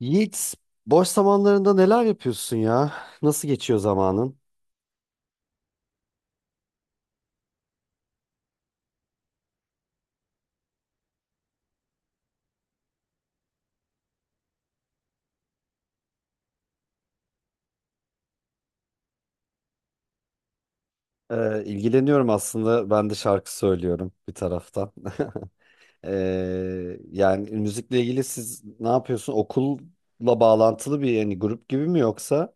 Yiğit, boş zamanlarında neler yapıyorsun ya? Nasıl geçiyor zamanın? İlgileniyorum aslında. Ben de şarkı söylüyorum bir taraftan. Yani müzikle ilgili siz ne yapıyorsun? Okulla bağlantılı bir yani grup gibi mi yoksa?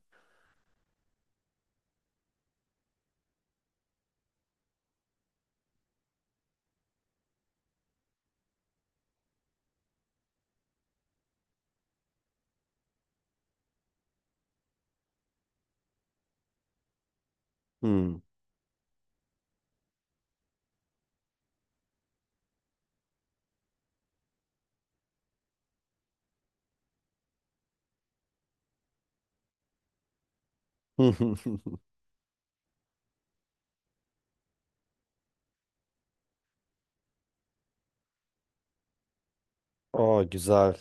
Hmm. Aa, güzel.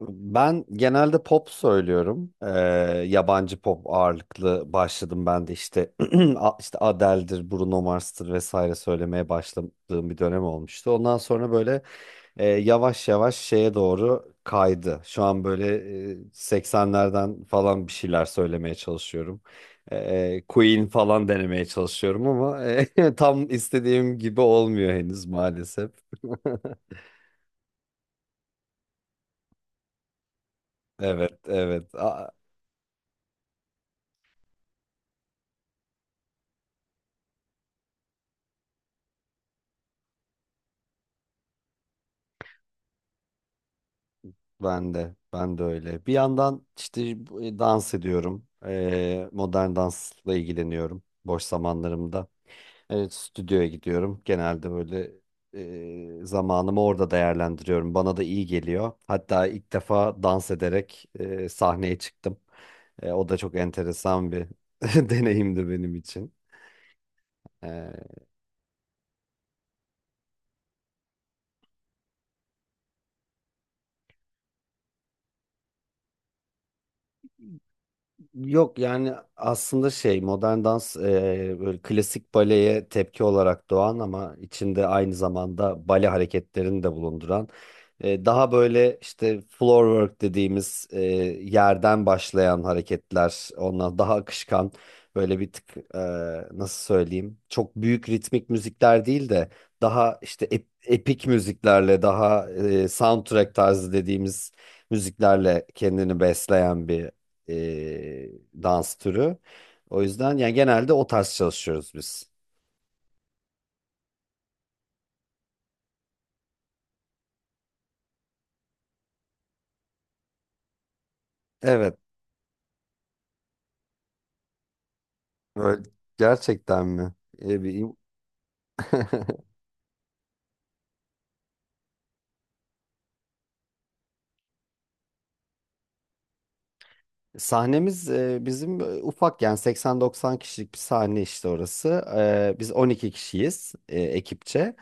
Ben genelde pop söylüyorum. Yabancı pop ağırlıklı başladım ben de işte. İşte Adele'dir, Bruno Mars'tır vesaire söylemeye başladığım bir dönem olmuştu. Ondan sonra böyle yavaş yavaş şeye doğru kaydı. Şu an böyle 80'lerden falan bir şeyler söylemeye çalışıyorum. E, Queen falan denemeye çalışıyorum ama tam istediğim gibi olmuyor henüz maalesef. Evet, evet. Ben de öyle. Bir yandan işte dans ediyorum. Modern dansla ilgileniyorum boş zamanlarımda. Evet, stüdyoya gidiyorum. Genelde böyle zamanımı orada değerlendiriyorum. Bana da iyi geliyor. Hatta ilk defa dans ederek sahneye çıktım. O da çok enteresan bir deneyimdi benim için. E, Yok, yani aslında şey modern dans, böyle klasik baleye tepki olarak doğan ama içinde aynı zamanda bale hareketlerini de bulunduran, daha böyle işte floor work dediğimiz, yerden başlayan hareketler, ondan daha akışkan, böyle bir tık, nasıl söyleyeyim, çok büyük ritmik müzikler değil de daha işte epik müziklerle, daha soundtrack tarzı dediğimiz müziklerle kendini besleyen bir e, dans türü. O yüzden yani genelde o tarz çalışıyoruz biz. Evet, böyle. Gerçekten mi? E, bir- Sahnemiz bizim, ufak, yani 80-90 kişilik bir sahne işte orası. Biz 12 kişiyiz ekipçe.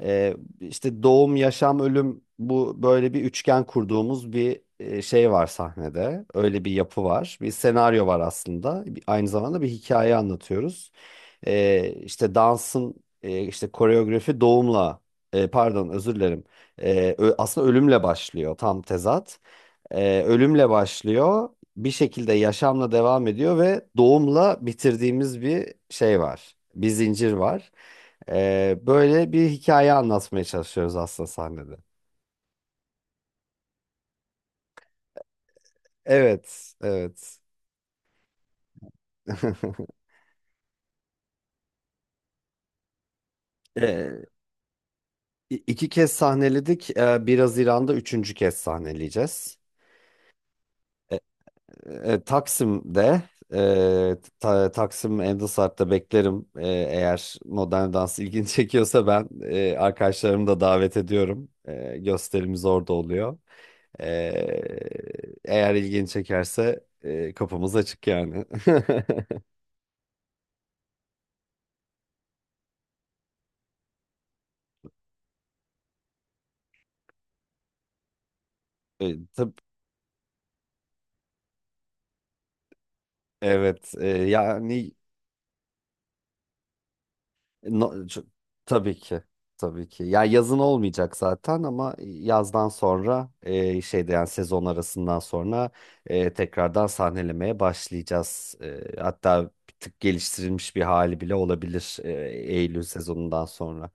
İşte doğum, yaşam, ölüm, bu böyle bir üçgen kurduğumuz bir şey var sahnede. Öyle bir yapı var. Bir senaryo var aslında. Aynı zamanda bir hikaye anlatıyoruz. İşte dansın, işte koreografi doğumla, pardon, özür dilerim. Aslında ölümle başlıyor, tam tezat. Ölümle başlıyor. Bir şekilde yaşamla devam ediyor ve doğumla bitirdiğimiz bir şey var. Bir zincir var. Böyle bir hikaye anlatmaya çalışıyoruz aslında sahnede. Evet, evet. E, iki kez sahneledik. 1 Haziran'da üçüncü kez sahneleyeceğiz. Taksim'de, Taksim Endosart'ta beklerim. Eğer modern dans ilgini çekiyorsa, ben arkadaşlarımı da davet ediyorum. Gösterimiz orada oluyor. E, Eğer ilgini çekerse, kapımız açık yani. E, tab- evet, yani E, No- c- tabii ki. Tabii ki. Ya, yazın olmayacak zaten ama yazdan sonra, şeyde yani sezon arasından sonra, tekrardan sahnelemeye başlayacağız. Hatta bir tık geliştirilmiş bir hali bile olabilir Eylül sezonundan sonra.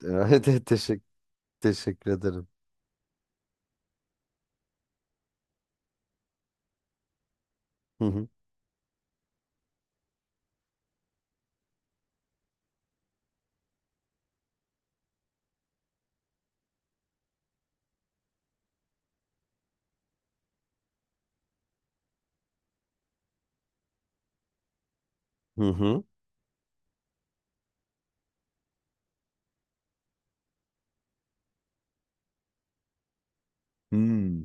Evet, teşekkür ederim. Hı hı. Hı hı. Hmm.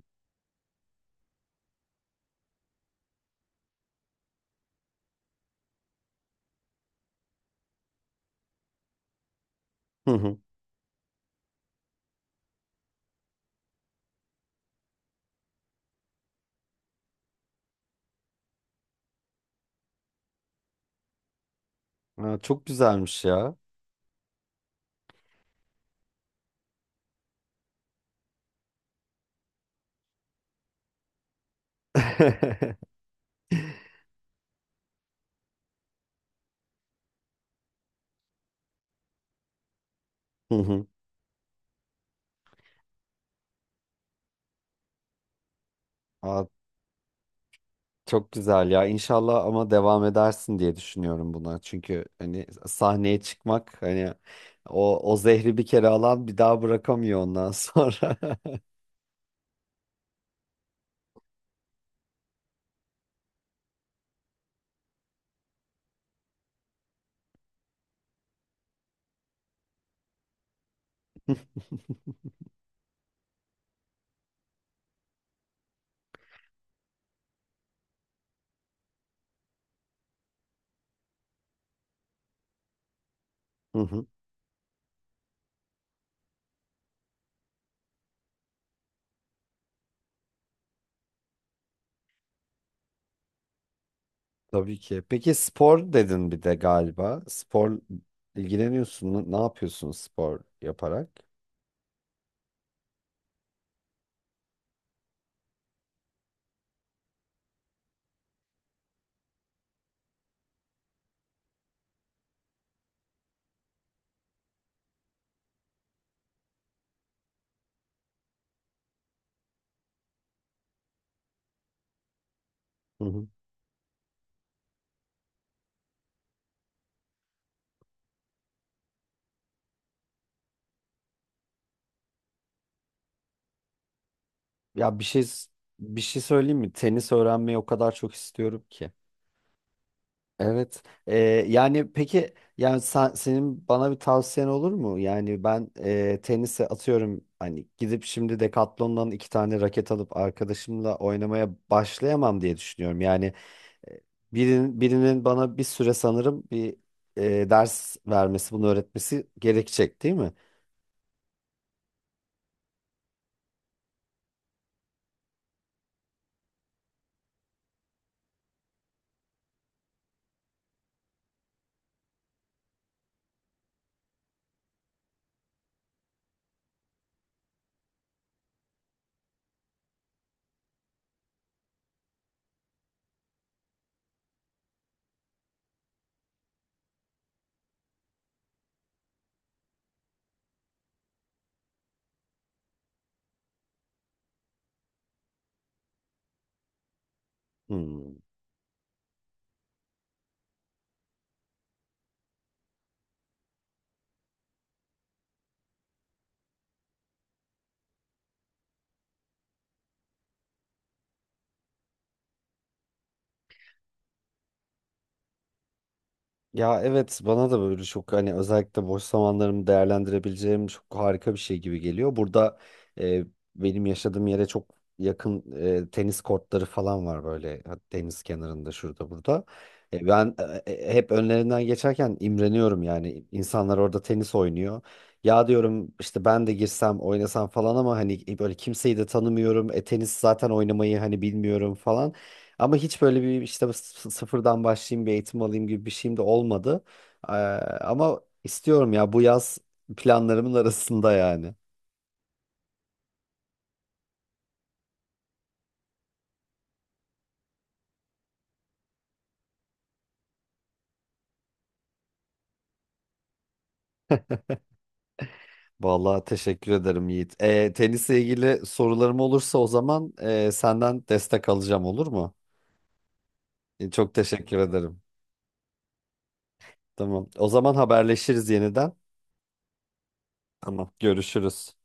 Hı hı. Ha, çok güzelmiş ya. Hı hı. Aa, çok güzel ya. İnşallah ama devam edersin diye düşünüyorum buna. Çünkü hani sahneye çıkmak, hani o zehri bir kere alan bir daha bırakamıyor ondan sonra. Hı hı. Tabii ki. Peki, spor dedin bir de galiba. Spor ilgileniyorsun mu? Ne yapıyorsun spor yaparak? Hı hı. Ya, bir şey söyleyeyim mi? Tenis öğrenmeyi o kadar çok istiyorum ki. Evet. Yani peki yani, senin bana bir tavsiyen olur mu? Yani ben tenise, atıyorum hani, gidip şimdi Decathlon'dan iki tane raket alıp arkadaşımla oynamaya başlayamam diye düşünüyorum. Yani e, birinin bana bir süre, sanırım bir ders vermesi, bunu öğretmesi gerekecek, değil mi? Hmm. Ya evet, bana da böyle çok, hani özellikle boş zamanlarımı değerlendirebileceğim çok harika bir şey gibi geliyor. Burada e, benim yaşadığım yere çok yakın tenis kortları falan var böyle, deniz kenarında şurada burada. Ben hep önlerinden geçerken imreniyorum, yani insanlar orada tenis oynuyor. Ya diyorum işte ben de girsem oynasam falan, ama hani böyle kimseyi de tanımıyorum. Tenis zaten oynamayı hani bilmiyorum falan. Ama hiç böyle bir işte sıfırdan başlayayım, bir eğitim alayım gibi bir şeyim de olmadı. Ee, Ama istiyorum ya, bu yaz planlarımın arasında yani. Vallahi teşekkür ederim Yiğit. Tenisle ilgili sorularım olursa, o zaman senden destek alacağım, olur mu? Çok teşekkür ederim. Tamam. O zaman haberleşiriz yeniden. Tamam. Görüşürüz.